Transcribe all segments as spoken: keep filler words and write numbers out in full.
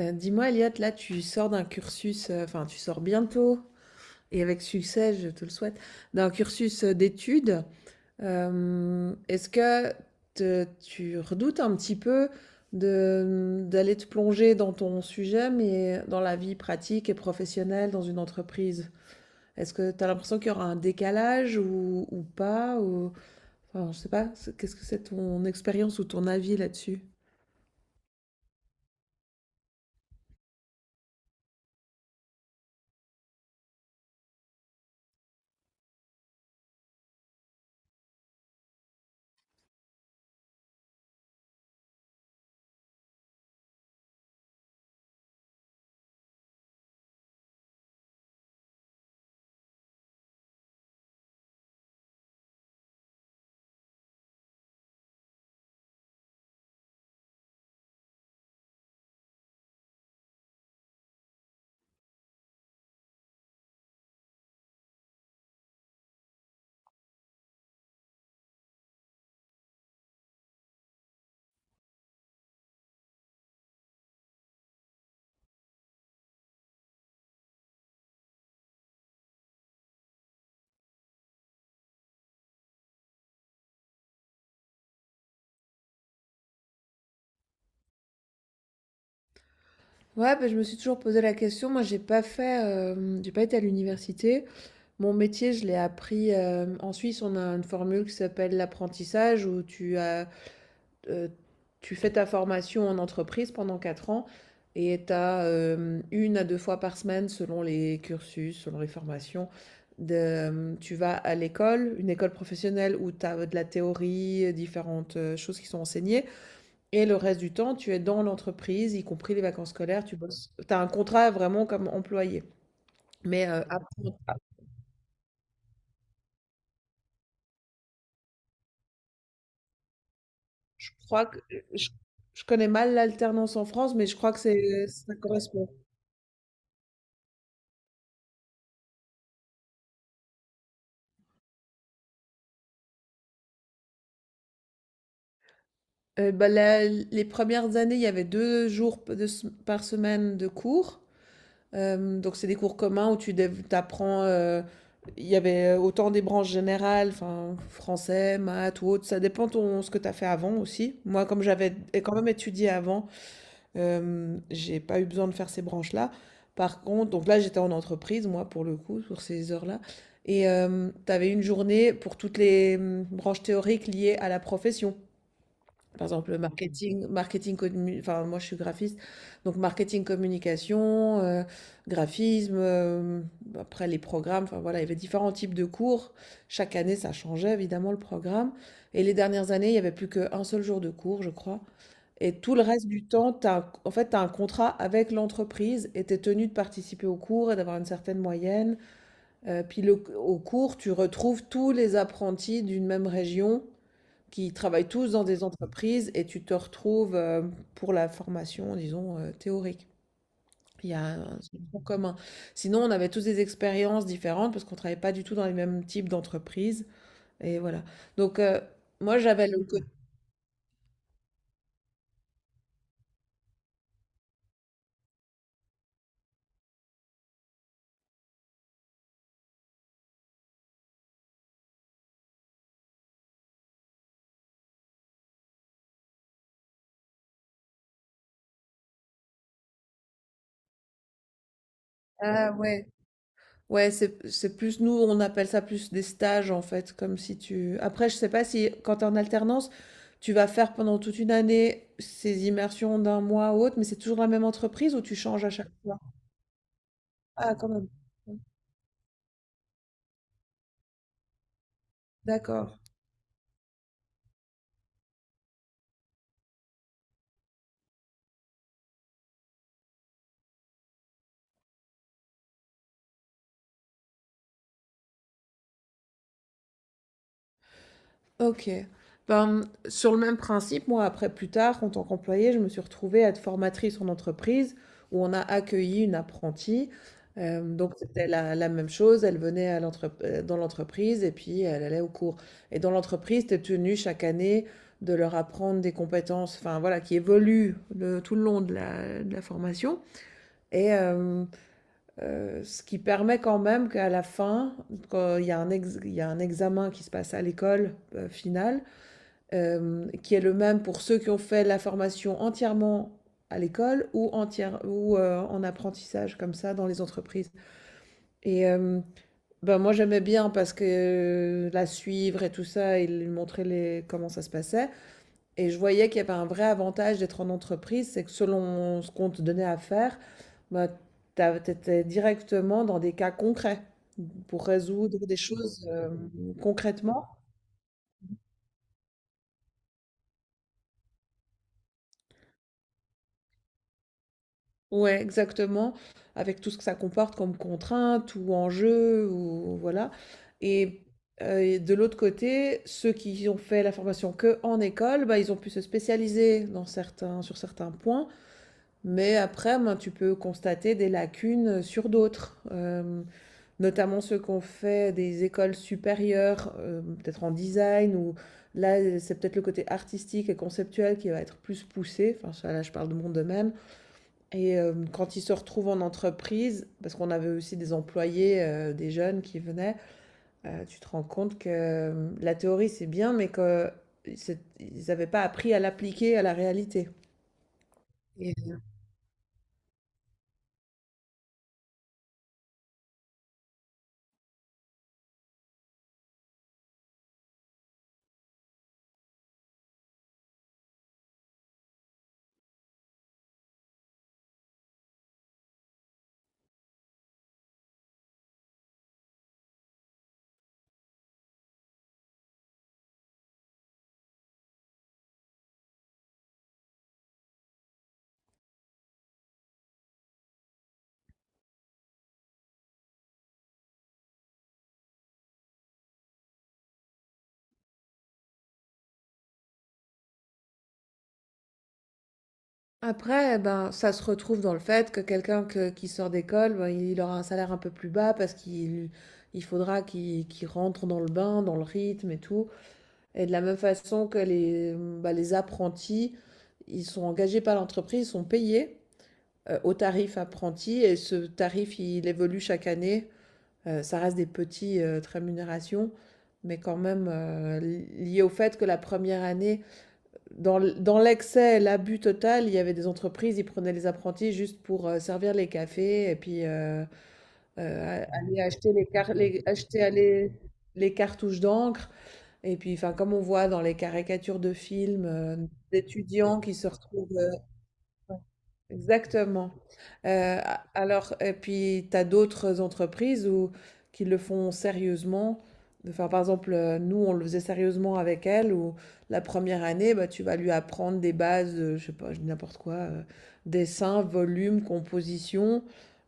Euh, dis-moi, Elliot, là, tu sors d'un cursus, euh, enfin, tu sors bientôt, et avec succès, je te le souhaite, d'un cursus euh, d'études. Euh, est-ce que te- tu redoutes un petit peu de, d'aller te plonger dans ton sujet, mais dans la vie pratique et professionnelle, dans une entreprise? Est-ce que tu as l'impression qu'il y aura un décalage ou, ou pas, ou, enfin, je sais pas, c'est- qu'est-ce que c'est ton expérience ou ton avis là-dessus? Ouais, bah, je me suis toujours posé la question. Moi, j'ai pas fait, euh, j'ai pas été à l'université. Mon métier, je l'ai appris. Euh, en Suisse, on a une formule qui s'appelle l'apprentissage où tu as, euh, tu fais ta formation en entreprise pendant quatre ans et tu as une à deux fois par semaine, selon les cursus, selon les formations. De- euh, tu vas à l'école, une école professionnelle où tu as de la théorie, différentes euh, choses qui sont enseignées. Et le reste du temps, tu es dans l'entreprise, y compris les vacances scolaires, tu Mmh. bosses. Tu as un contrat vraiment comme employé. Mais heu, après, je crois que je je connais mal l'alternance en France, mais je crois que c'est ça correspond. Heu, bah, la les premières années, il y avait deux jours p de s par semaine de cours. Hem, donc c'est des cours communs où tu apprends, il y avait euh, autant des branches générales, enfin français, maths ou autre, ça dépend de ce que tu as fait avant aussi. Moi, comme j'avais é quand même étudié avant, Hem, j'ai pas eu besoin de faire ces branches-là. Par contre donc là, j'étais en entreprise, moi, pour le coup, pour ces heures-là et hem, tu avais une journée pour toutes les, mmh, branches théoriques liées à la profession. Par exemple, le marketing marketing commu enfin, moi, je suis graphiste, donc marketing, communication, heu, graphisme, hem, après les programmes, enfin, voilà, il y avait différents types de cours. Chaque année, ça changeait évidemment le programme et les dernières années, il y avait plus qu'un seul jour de cours, je crois, et tout le reste du temps, t'as un- en fait, tu as un contrat avec l'entreprise et tu es tenu de participer au cours et d'avoir une certaine moyenne. Euh, puis le- au cours, tu retrouves tous les apprentis d'une même région qui travaillent tous dans des entreprises et tu te retrouves euh, pour la formation, disons, euh, théorique. Il y a un Ce tronc commun. Sinon, on avait tous des expériences différentes parce qu'on ne travaillait pas du tout dans les mêmes types d'entreprises. Et voilà. Donc, euh, moi, j'avais le côté... Ah ouais, ouais, c'est c'est plus nous, on appelle ça plus des stages en fait, comme si tu. Après, je sais pas si quand tu es en alternance, tu vas faire pendant toute une année ces immersions d'un mois ou autre, mais c'est toujours la même entreprise ou tu changes à chaque fois? Ah, quand même. D'accord. OK. Ben, sur le même principe, moi, après, plus tard, en tant qu'employée, je me suis retrouvée à être formatrice en entreprise où on a accueilli une apprentie. Euh, donc, c'était la, la même chose. Elle venait à l'entre- euh, dans l'entreprise et puis elle allait au cours. Et dans l'entreprise, tu es tenu chaque année de leur apprendre des compétences, enfin voilà, qui évoluent le- tout le long de la, de la formation. Et euh, euh, ce qui permet quand même qu'à la fin, quand il y a un ex- il y a un examen qui se passe à l'école euh, finale, euh, qui est le même pour ceux qui ont fait la formation entièrement à l'école ou, entière, ou euh, en apprentissage comme ça dans les entreprises. Et euh, ben moi j'aimais bien parce que euh, la suivre et tout ça, il lui montrait les, comment ça se passait. Et je voyais qu'il y avait un vrai avantage d'être en entreprise, c'est que selon ce qu'on te donnait à faire, ben, tu étais directement dans des cas concrets pour résoudre des choses euh, concrètement. Ouais, exactement, avec tout ce que ça comporte comme contraintes ou enjeux ou voilà. Et, heu, et de l'autre côté, ceux qui ont fait la formation que en école, bah, ils ont pu se spécialiser dans certains sur certains points, mais après, ben, tu peux constater des lacunes sur d'autres, hem, notamment ceux qui ont fait des écoles supérieures, hem, peut-être en design ou là, c'est peut-être le côté artistique et conceptuel qui va être plus poussé, enfin ça là, je parle de mon domaine. Et hem, quand ils se retrouvent en entreprise, parce qu'on avait aussi des employés, heu, des jeunes qui venaient, heu, tu te rends compte que, hem, la théorie c'est bien, mais qu'ils n'avaient pas appris à l'appliquer à la réalité. Et Après, eh ben, ça se retrouve dans le fait que quelqu'un que qui sort d'école, ben, il aura un salaire un peu plus bas parce qu'il il faudra qu'il qu'il rentre dans le bain, dans le rythme et tout. Et de la même façon que les, mmh, bah, les apprentis, ils sont engagés par l'entreprise, ils sont payés heu, au tarif apprenti et ce tarif, il évolue chaque année. Heu, ça reste des petites heu, rémunérations, mais quand même, heu, lié au fait que la première année, dans dans l'excès, l'abus total, il y avait des entreprises, ils prenaient les apprentis juste pour heu, servir les cafés et puis, heu heu, aller acheter les car les acheter aller les cartouches d'encre et puis, enfin, comme on voit dans les caricatures de films, heu, d'étudiants qui se retrouvent, heu. Exactement. Heu, a Alors et puis tu as d'autres entreprises où qui le font sérieusement. Enfin, par exemple, heu, nous, on le faisait sérieusement avec elle où la première année, bah, tu vas lui apprendre des bases, heu, je sais pas, je dis n'importe quoi, heu, dessin, volume, composition.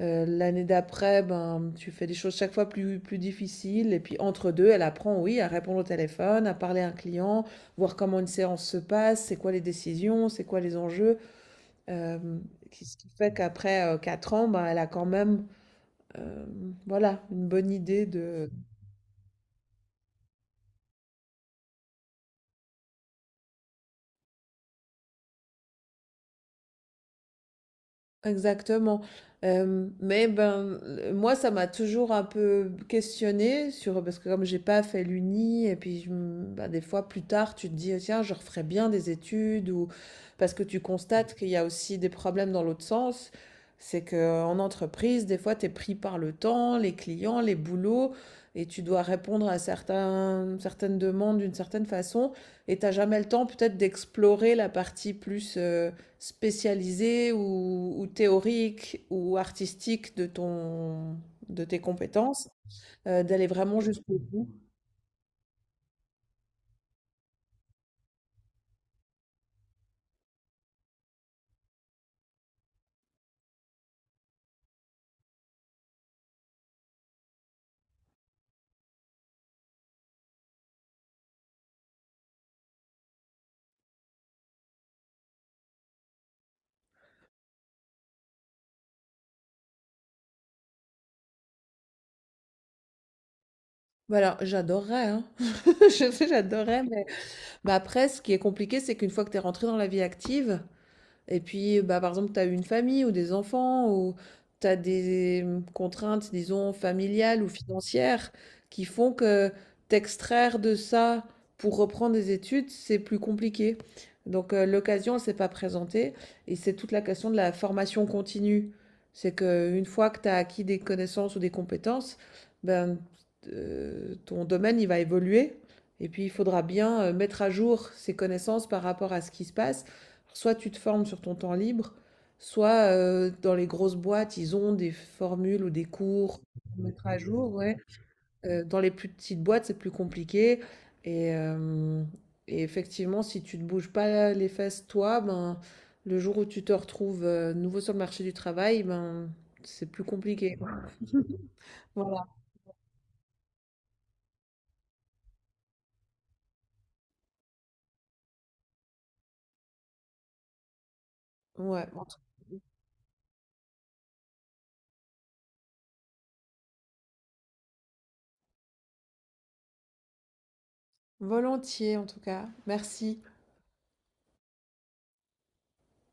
Heu, l'année d'après, ben, tu fais des choses chaque fois plus plus difficiles et puis entre deux elle apprend, oui, à répondre au téléphone, à parler à un client, voir comment une séance se passe, c'est quoi les décisions, c'est quoi les enjeux. Hem, Ce qui fait qu'après, euh, quatre ans, ben, elle a quand même, hem, voilà, une bonne idée de. Exactement, hem, mais ben, heu, moi ça m'a toujours un peu questionnée sur parce que comme j'ai pas fait l'Uni et puis je m bah, des fois plus tard tu te dis: ah, «Tiens je referais bien des études» ou parce que tu Mmh. constates qu'il y a aussi des problèmes dans l'autre sens. C'est que en entreprise, des fois tu es pris par le temps, les clients, les boulots et tu dois répondre à certains certaines demandes d'une certaine façon et t'as jamais le temps peut-être d'explorer la partie plus, euh, spécialisée ou, ou théorique ou artistique de ton, de tes compétences, euh, d'aller vraiment jusqu'au bout. Voilà, j'adorerais, hein. Je sais, j'adorerais, mais... mais après, ce qui est compliqué, c'est qu'une fois que tu es rentré dans la vie active, et puis, bah, par exemple, tu as une famille ou des enfants ou tu as des euh, contraintes, disons, familiales ou financières qui font que t'extraire de ça pour reprendre des études, c'est plus compliqué. Donc, euh, l'occasion, elle s'est pas présentée et c'est toute la question de la formation continue. C'est que une fois que tu as acquis des connaissances ou des compétences, ben, euh, ton domaine, il va évoluer. Et puis, il faudra bien euh, mettre à jour ses connaissances par rapport à ce qui se passe. Soit tu te formes sur ton temps libre, soit euh, dans les grosses boîtes, ils ont des formules ou des cours à mettre à jour, ouais. Euh, dans les plus petites boîtes, c'est plus compliqué. Et, euh, et effectivement, si tu ne te bouges pas les fesses, toi, ben, le jour où tu te retrouves euh, nouveau sur le marché du travail, ben, c'est plus compliqué. Voilà. Ouais. en tout- Volontiers, en tout cas. Merci.